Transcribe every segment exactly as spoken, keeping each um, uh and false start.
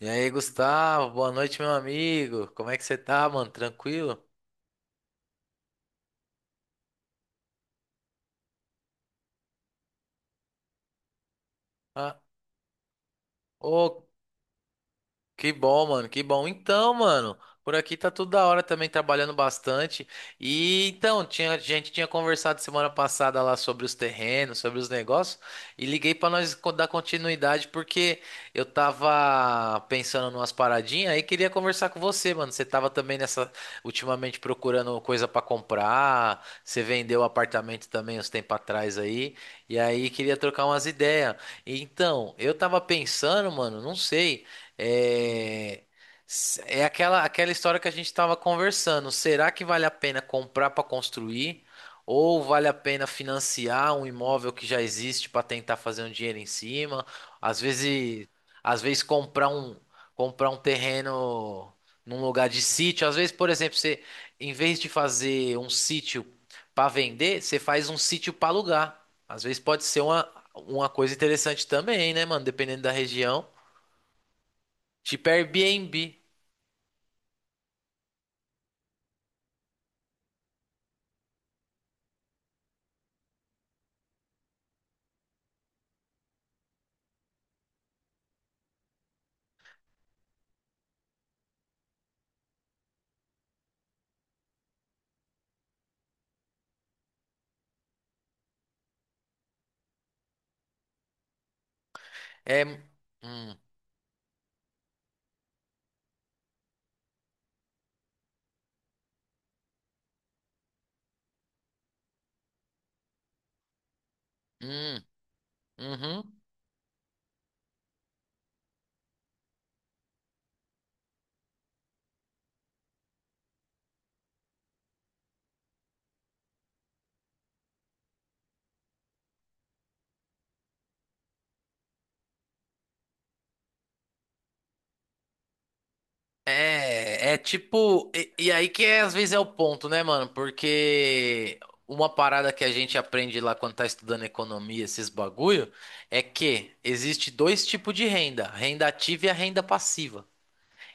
E aí, Gustavo, boa noite, meu amigo. Como é que você tá, mano? Tranquilo? Ah, ô, que bom, mano, que bom. Então, mano, por aqui tá tudo da hora também, trabalhando bastante. E então, tinha, a gente tinha conversado semana passada lá sobre os terrenos, sobre os negócios, e liguei pra nós co- dar continuidade porque eu tava pensando numas paradinhas aí queria conversar com você, mano. Você tava também nessa, ultimamente procurando coisa pra comprar, você vendeu o apartamento também uns tempos atrás aí, e aí queria trocar umas ideias. Então, eu tava pensando, mano, não sei. É, é aquela, aquela história que a gente estava conversando. Será que vale a pena comprar para construir? Ou vale a pena financiar um imóvel que já existe para tentar fazer um dinheiro em cima? Às vezes, às vezes comprar um, comprar um terreno num lugar de sítio. Às vezes, por exemplo, você, em vez de fazer um sítio para vender, você faz um sítio para alugar. Às vezes pode ser uma, uma coisa interessante também, né, mano? Dependendo da região. Tipo Airbnb. É. Hum, hum, uhum. É, é tipo. E, e aí que é, às vezes é o ponto, né, mano? Porque uma parada que a gente aprende lá quando tá estudando economia, esses bagulho, é que existe dois tipos de renda: a renda ativa e a renda passiva.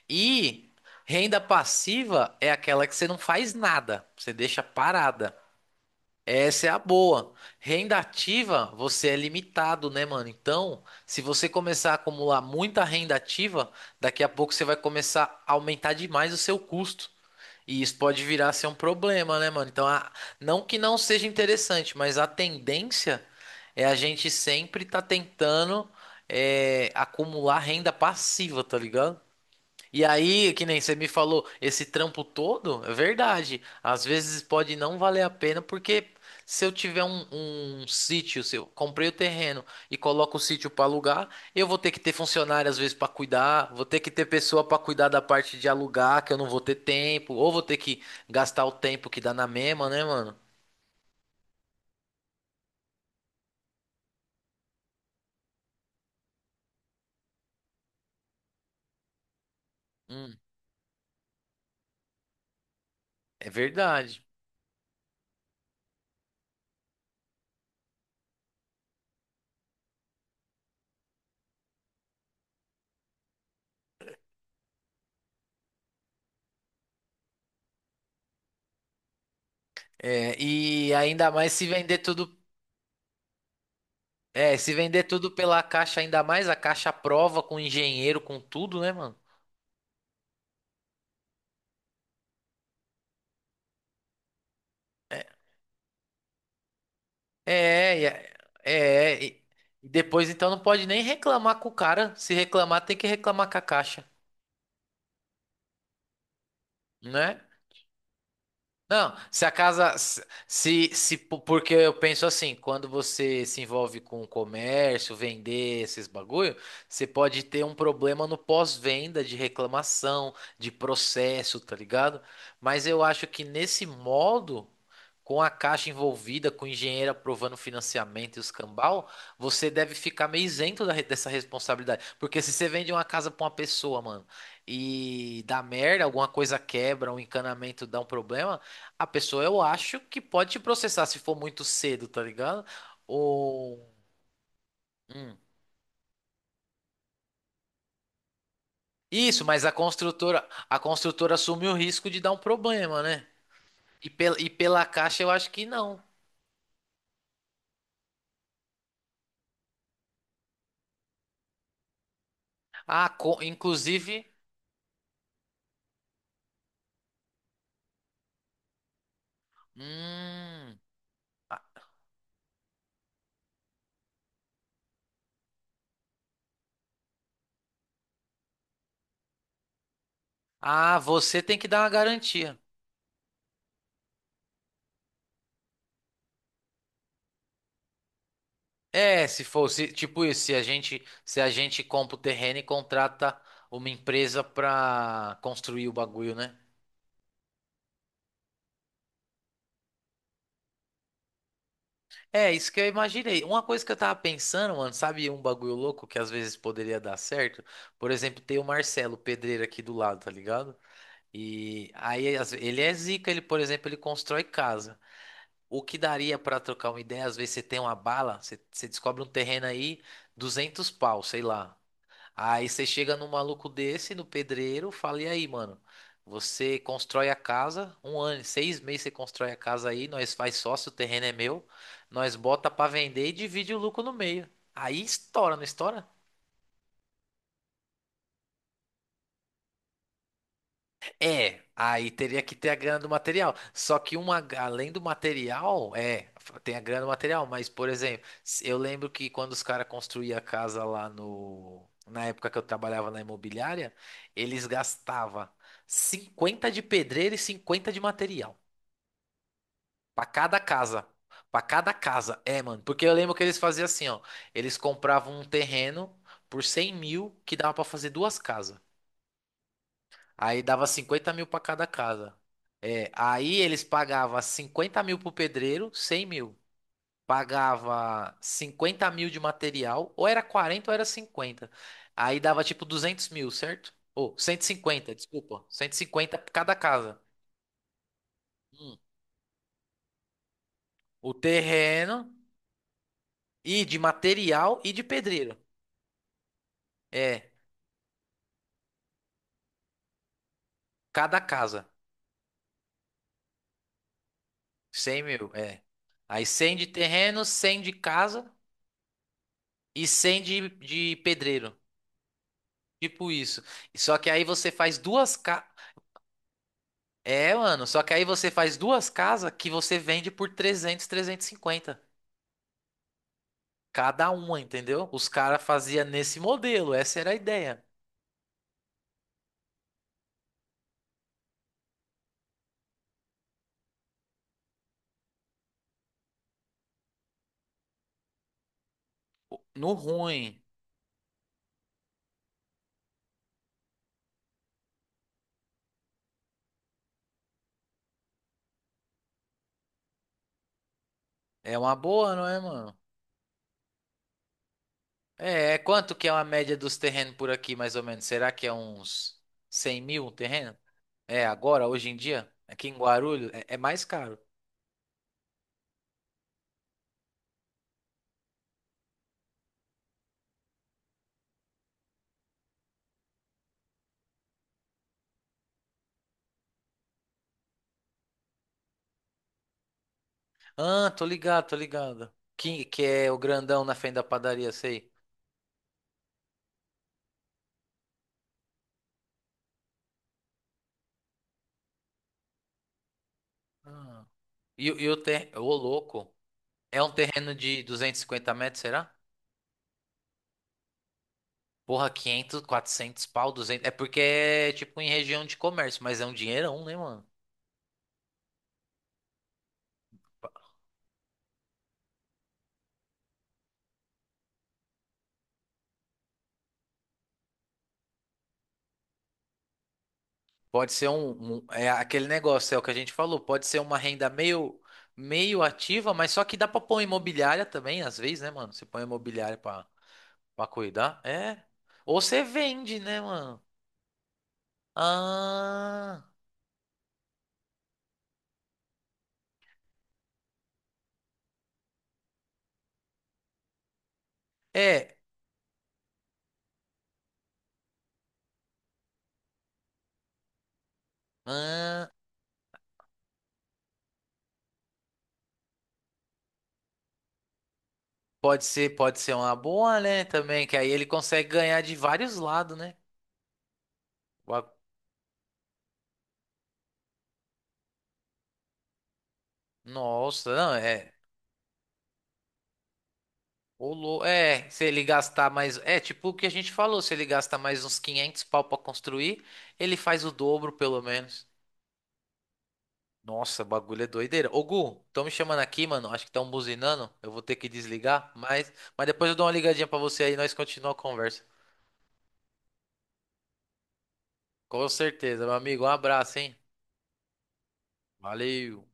E renda passiva é aquela que você não faz nada, você deixa parada. Essa é a boa. Renda ativa, você é limitado, né, mano? Então, se você começar a acumular muita renda ativa, daqui a pouco você vai começar a aumentar demais o seu custo. E isso pode virar a ser um problema, né, mano? Então, a- não que não seja interessante, mas a tendência é a gente sempre tá tentando é, acumular renda passiva, tá ligado? E aí, que nem você me falou, esse trampo todo, é verdade. Às vezes pode não valer a pena, porque se eu tiver um, um sítio, se eu comprei o terreno e coloco o sítio para alugar, eu vou ter que ter funcionário às vezes para cuidar, vou ter que ter pessoa para cuidar da parte de alugar, que eu não vou ter tempo, ou vou ter que gastar o tempo que dá na mesma, né, mano? Hum, é verdade. É, e ainda mais se vender tudo, é, se vender tudo pela caixa, ainda mais a caixa à prova com engenheiro, com tudo, né, mano? É, e- é, é, e e depois então não pode nem reclamar com o cara. Se reclamar, tem que reclamar com a caixa, né? Não, se a casa, se, se, se- po- porque eu penso assim, quando você se envolve com o comércio, vender esses bagulho, você pode ter um problema no pós-venda de reclamação, de processo, tá ligado? Mas eu acho que nesse modo com a Caixa envolvida, com o engenheiro aprovando financiamento e os cambal, você deve ficar meio isento da re- dessa responsabilidade. Porque se você vende uma casa pra uma pessoa, mano, e dá merda, alguma coisa quebra, um encanamento dá um problema, a pessoa eu acho que pode te processar se for muito cedo, tá ligado? Ou. Hum. Isso, mas a construtora, a construtora assume o risco de dar um problema, né? E, pel, e pela Caixa eu acho que não. Ah, co- inclusive. Hum. Ah, você tem que dar uma garantia. É, se fosse tipo isso, se a gente, se a gente compra o terreno e contrata uma empresa pra construir o bagulho, né? É, isso que eu imaginei. Uma coisa que eu tava pensando, mano, sabe um bagulho louco que às vezes poderia dar certo? Por exemplo, tem o Marcelo, o pedreiro aqui do lado, tá ligado? E aí às ve- ele é zica, ele, por exemplo, ele constrói casa. O que daria pra trocar uma ideia? Às vezes você tem uma bala, você, você descobre um terreno aí, duzentos pau, sei lá. Aí você chega num maluco desse, no pedreiro, fala, e aí, mano? Você constrói a casa, um ano, seis meses você constrói a casa aí, nós faz sócio, o terreno é meu, nós bota pra vender e divide o lucro no meio. Aí estoura, não estoura? É, aí teria que ter a grana do material. Só que uma, além do material, é, tem a grana do material, mas, por exemplo, se- eu lembro que quando os caras construíam a casa lá no. Na época que eu trabalhava na imobiliária, eles gastavam cinquenta de pedreiro e cinquenta de material. Pra cada casa. Pra cada casa. É, mano. Porque eu lembro que eles faziam assim, ó. Eles compravam um terreno por cem mil que dava pra fazer duas casas. Aí dava cinquenta mil pra cada casa. É, aí eles pagavam cinquenta mil pro pedreiro, cem mil. Pagava cinquenta mil de material, ou era quarenta ou era cinquenta. Aí dava tipo duzentos mil, certo? Ou cento e cinquenta, desculpa, cento e cinquenta pra cada casa. Hum. O terreno e de material e de pedreiro. É, cada casa. Cem mil, é. Aí cem de terreno, cem de casa e cem de, de pedreiro. Tipo isso. Só que aí você faz duas ca... É, mano, só que aí você faz duas casas que você vende por trezentos, trezentos e cinquenta cada uma, entendeu? Os caras faziam nesse modelo, essa era a ideia. No ruim, é uma boa, não é, mano? É, é quanto que é uma média dos terrenos por aqui, mais ou menos? Será que é uns cem mil um terreno? É, agora, hoje em dia, aqui em Guarulhos, é, é mais caro. Ah, tô ligado, tô ligado. Que, que é o grandão na frente da padaria, sei. Ah. E, o- e o ter... Ô, louco. É um terreno de duzentos e cinquenta metros, será? Porra, quinhentos, quatrocentos pau, duzentos. É porque é tipo em região de comércio, mas é um dinheirão, né, mano? Pode ser um, um- É aquele negócio, é o que a gente falou. Pode ser uma renda meio, meio ativa, mas só que dá pra pôr imobiliária também, às vezes, né, mano? Você põe imobiliária pra, pra cuidar. É. Ou você vende, né, mano? Ah. É. Ah. Pode ser, pode ser uma boa, né? Também, que aí ele consegue ganhar de vários lados, né? O a- Nossa, não, é. O lou- É, se ele gastar mais. É, tipo o que a gente falou, se ele gastar mais uns quinhentos pau pra construir, ele faz o dobro, pelo menos. Nossa, o bagulho é doideira. Ô, Gu, estão me chamando aqui, mano. Acho que estão buzinando. Eu vou ter que desligar, mas, mas depois eu dou uma ligadinha pra você aí e nós continuamos a conversa. Com certeza, meu amigo. Um abraço, hein? Valeu.